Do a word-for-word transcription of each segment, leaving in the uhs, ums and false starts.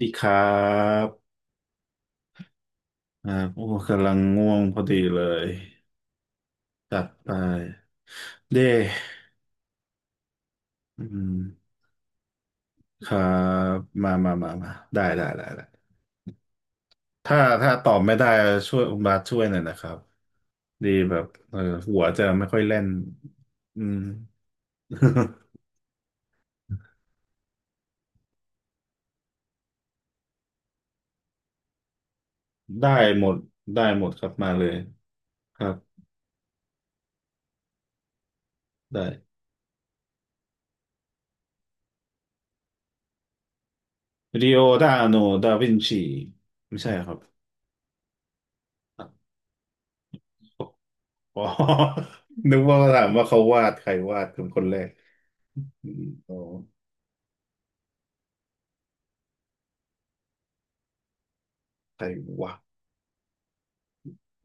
ดีครับอ่าโอ้กำลังง่วงพอดีเลยจัดไปเด้อืมครับมามามามาได้ได้ได้ได้ถ้าถ้าตอบไม่ได้ช่วยคุณบาสช่วยหน่อยนะครับดีแบบเออหัวจะไม่ค่อยเล่นอืม ได้หมดได้หมดครับมาเลยครับได้ริโอดาโนดาวินชีไม่ใช่ครับ อ๋อนึกว่าถามว่าเขาวาดใครวาดเป็นคนแรกอมอ๋อ ใครวะ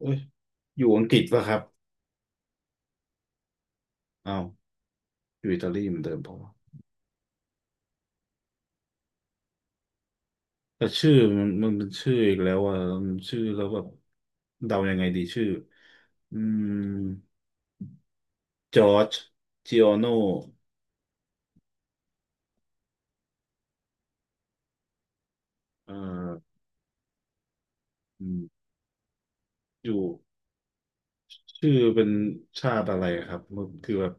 เอ้ยอยู่อังกฤษป่ะครับอ้าวอยู่อิตาลีเหมือนเดิมเพราะว่าแต่ชื่อมันมันเป็นชื่ออีกแล้วอ่ะมันชื่อแล้วแบบเดายังไงดีชื่ออืมจอร์จจิออโนเอ่ออืมอยู่ชื่อเป็นชาติอะไรครับมันคือแบบ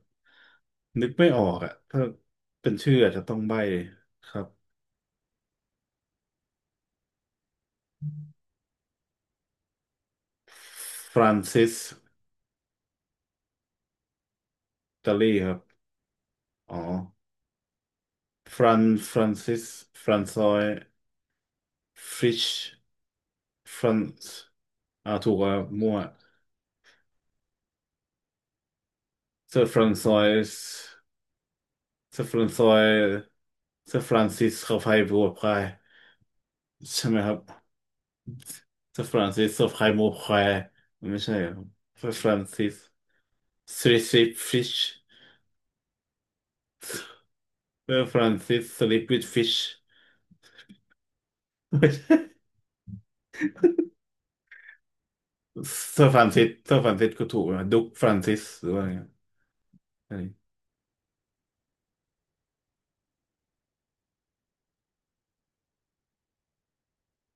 นึกไม่ออกอ่ะถ้าเป็นชื่ออาจจะต้องใบ้ครับฟรานซิสอิตาลีครับ อ๋อ ฟรานฟรานซิส ฟรานซอย French France อ่าถูกอ่ะมั่ว Sir Francis Sir Francis Sir Francis เซอร์ฟรานซอยเซอร์ฟรานซิสเขาไพ่บวกไพายใช่ไหมครับ Sir Francis เขาไพ่บวกไพายไม่ใช่เหรอครับ Sir Francis Sleep with Fish Sir Francis Sleep with Fish ไม่ใช่ Sir Francis Sir f r a n i s ก็ถูกนะ Duke Francis หรือว่าไงอันนี้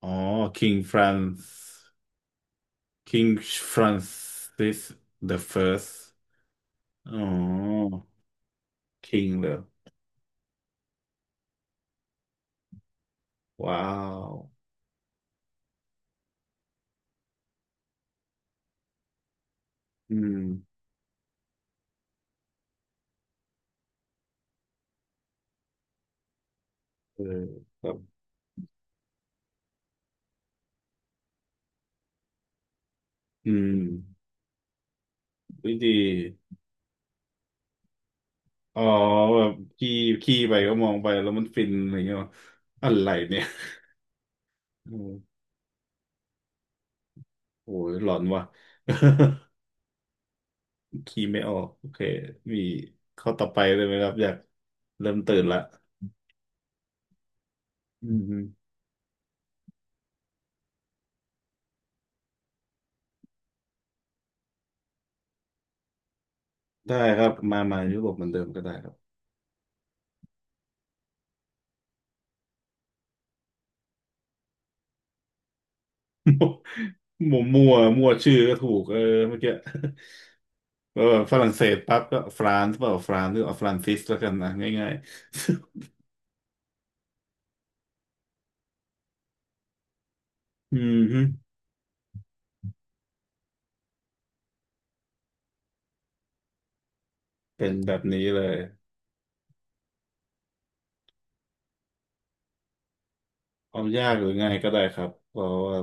อ๋อ King France King f r a n c the First อ๋อ คิงเหรอว้าวอืมเออแบบอืมวิดีอ๋อแบบขี้ขี้ไปก็มองไปแล้วมันฟินอะไรเงี้ยวะอะไรเนี่ย อืมโอ้ยหลอนว่ะ ขี้ไม่ออกโอเคมีข้อต่อไปเลยไหมครับอยากเริ่มตื่นละอืมอได้ครับมามายุโรปเหมือนเดิมก็ได้ครับมั่วมั่วมั่วชื่อก็ถูกเออเมื่อกี้ เออฝรั่งเศสปั๊บก็ฟรานซ์เปล่าฟรานซ์หรือเอาฟรานซิสแล้วกันนะง่ายๆ อืมฮึเป็นแบบนี้เลยเอายากหรือง่ายก็ได้ครับเพราะว่า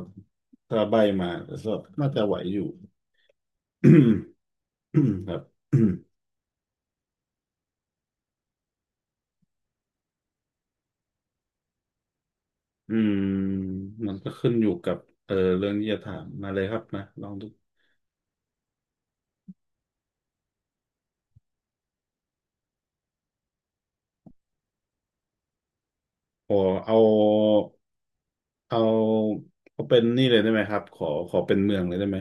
ถ้าใบมาก็น่าจะไหวอยู่ ครับ อืมมันก็ขึ้นอยู่กับเออเรื่องที่จะถามมาเลยครับมาลองดูขอเอาเอาเอาเป็นนี่เลยได้ไหมครับขอขอเป็นเมืองเลยได้ไหม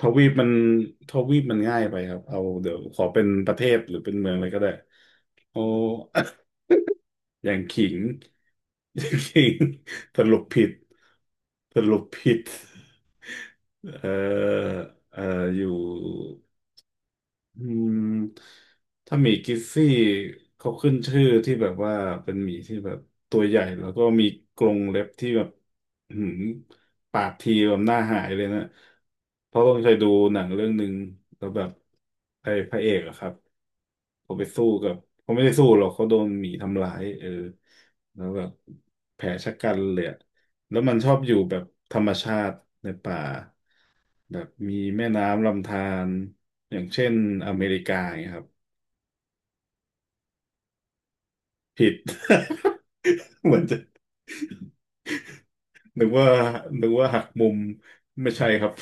ทวีปมันทวีปมันง่ายไปครับเอาเดี๋ยวขอเป็นประเทศหรือเป็นเมืองเลยก็ได้โอ้ อย่างขิง อย่างขิง สรุปผิด สรุปผิดเอ่อเอออยู่ อืมถ้าหมีกิซซี่เขาขึ้นชื่อที่แบบว่าเป็นหมีที่แบบตัวใหญ่แล้วก็มีกรงเล็บที่แบบอื้อหืมปากทีแบบหน้าหายเลยนะเพราะต้องเคยดูหนังเรื่องหนึ่งแล้วแบบไอ้พระเอกอะครับเขาไปสู้กับเขาไม่ได้สู้หรอกเขาโดนหมีทำร้ายเออแล้วแบบแผลชะกันเลยอะแล้วมันชอบอยู่แบบธรรมชาติในป่า แบบมีแม่น้ำลำธารอย่างเช่นอเมริกาอย่างเงี้ยครับผิด เหมือนจะนึกว่านึกว่าหักมุมไม่ใช่ครับ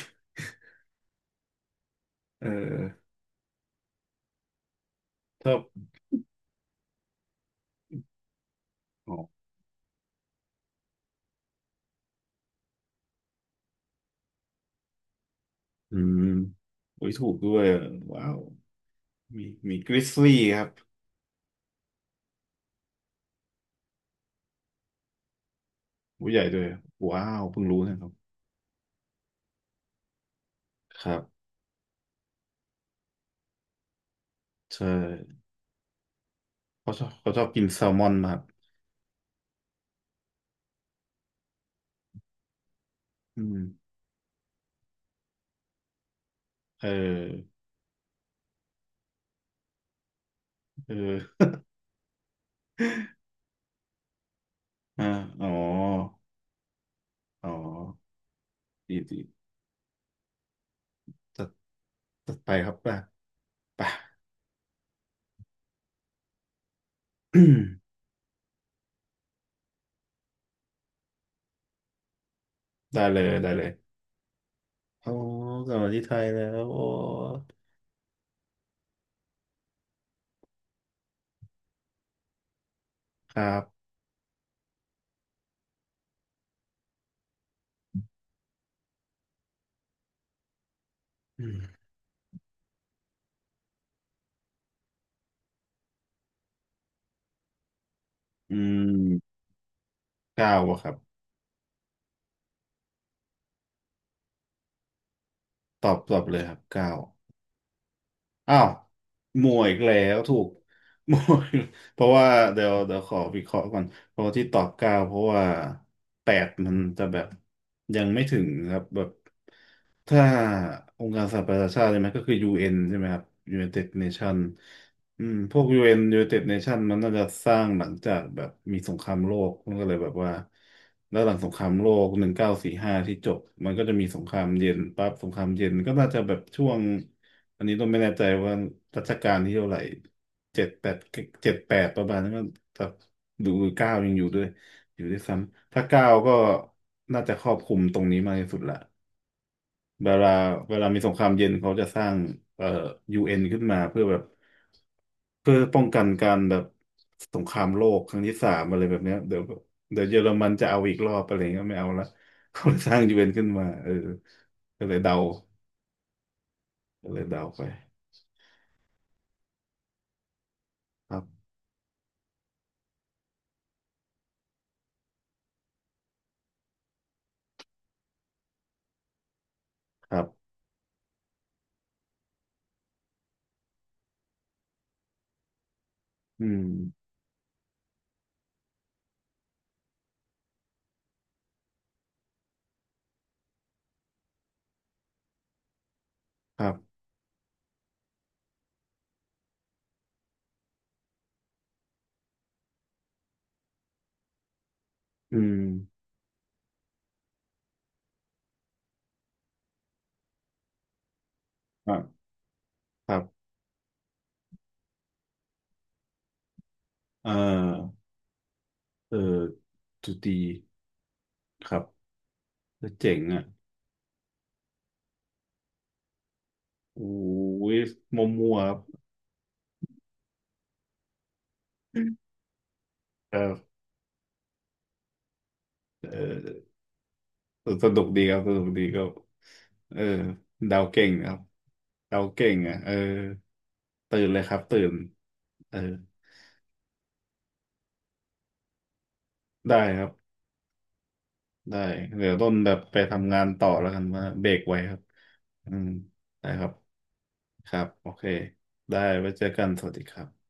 เออถ้าอ๋ออืมโอ้ยถูกด้วยว้าวมีมีกริซลี่ครับตัวใหญ่ด้วยว้าวเพิ่งรู้นะครับครับใช่เขาชอบเขาชอบกินแซลมอนมากอืมเออเอออ่าอ๋ออ๋อดีดีจะจะไปครับป่ะป่ะ ได้เลยได้เลยโอ้กลับมาที่ไทยแล้วโอ้ครับ อืมอืมเก้าอะครับตอบตอบเลยครับเก้า อ้าวมัวอีกแล้วถูก มัวอีกเพราะว่าเดี๋ยวเดี๋ยวขอวิเคราะห์ก่อนเพราะที่ตอบเก้าเพราะว่าแปดมันจะแบบยังไม่ถึงครับแบบถ้าองค์การสหประชาชาติใช่ไหมก็คือ ยู เอ็น ใช่ไหมครับ United Nation อืมพวก ยู เอ็น United Nation มันน่าจะสร้างหลังจากแบบมีสงครามโลกมันก็เลยแบบว่าแล้วหลังสงครามโลกหนึ่งเก้าสี่ห้าที่จบมันก็จะมีสงครามเย็นปั๊บสงครามเย็นก็น่าจะแบบช่วง อันนี้ต้องไม่แน่ใจว่ารัชกาลที่เท่าไหร่เจ็ดแปดเจ็ดแปดประมาณนั้นก็ถ้าดูเก้ายังอยู่ด้วยอยู่ด้วยซ้ำถ้าเก้าก็น่าจะครอบคลุมตรงนี้มากที่สุดละเวลาเวลามีสงครามเย็นเขาจะสร้างเอ่อยูเอ็นขึ้นมาเพื่อแบบเพื่อป้องกันการแบบสงครามโลกครั้งที่สามอะไรแบบเนี้ยเดี๋ยวเดี๋ยวเยอรมันจะเอาอีกรอบอะไรเงี้ยไม่เอาละ เขาเลยสร้างยูเอ็นขึ้นมาเออก็เลยเดาก็เลยเดาไปครับครับอืม ครับอืมครับครับเอ่อเออจุดีครับเจ๋งอ่ะโอ้ยมั่วๆครับครับเออสนุกดีครับสนุกดีก็เออเดาเก่งครับเดาเก่งอ่ะเออตื่นเลยครับตื่นเออได้ครับได้เดี๋ยวต้นแบบไปทำงานต่อแล้วกันว่าเบรกไว้ครับอืมได้ครับครับโอเคได้ไว้เจอกันสวัสดีครับ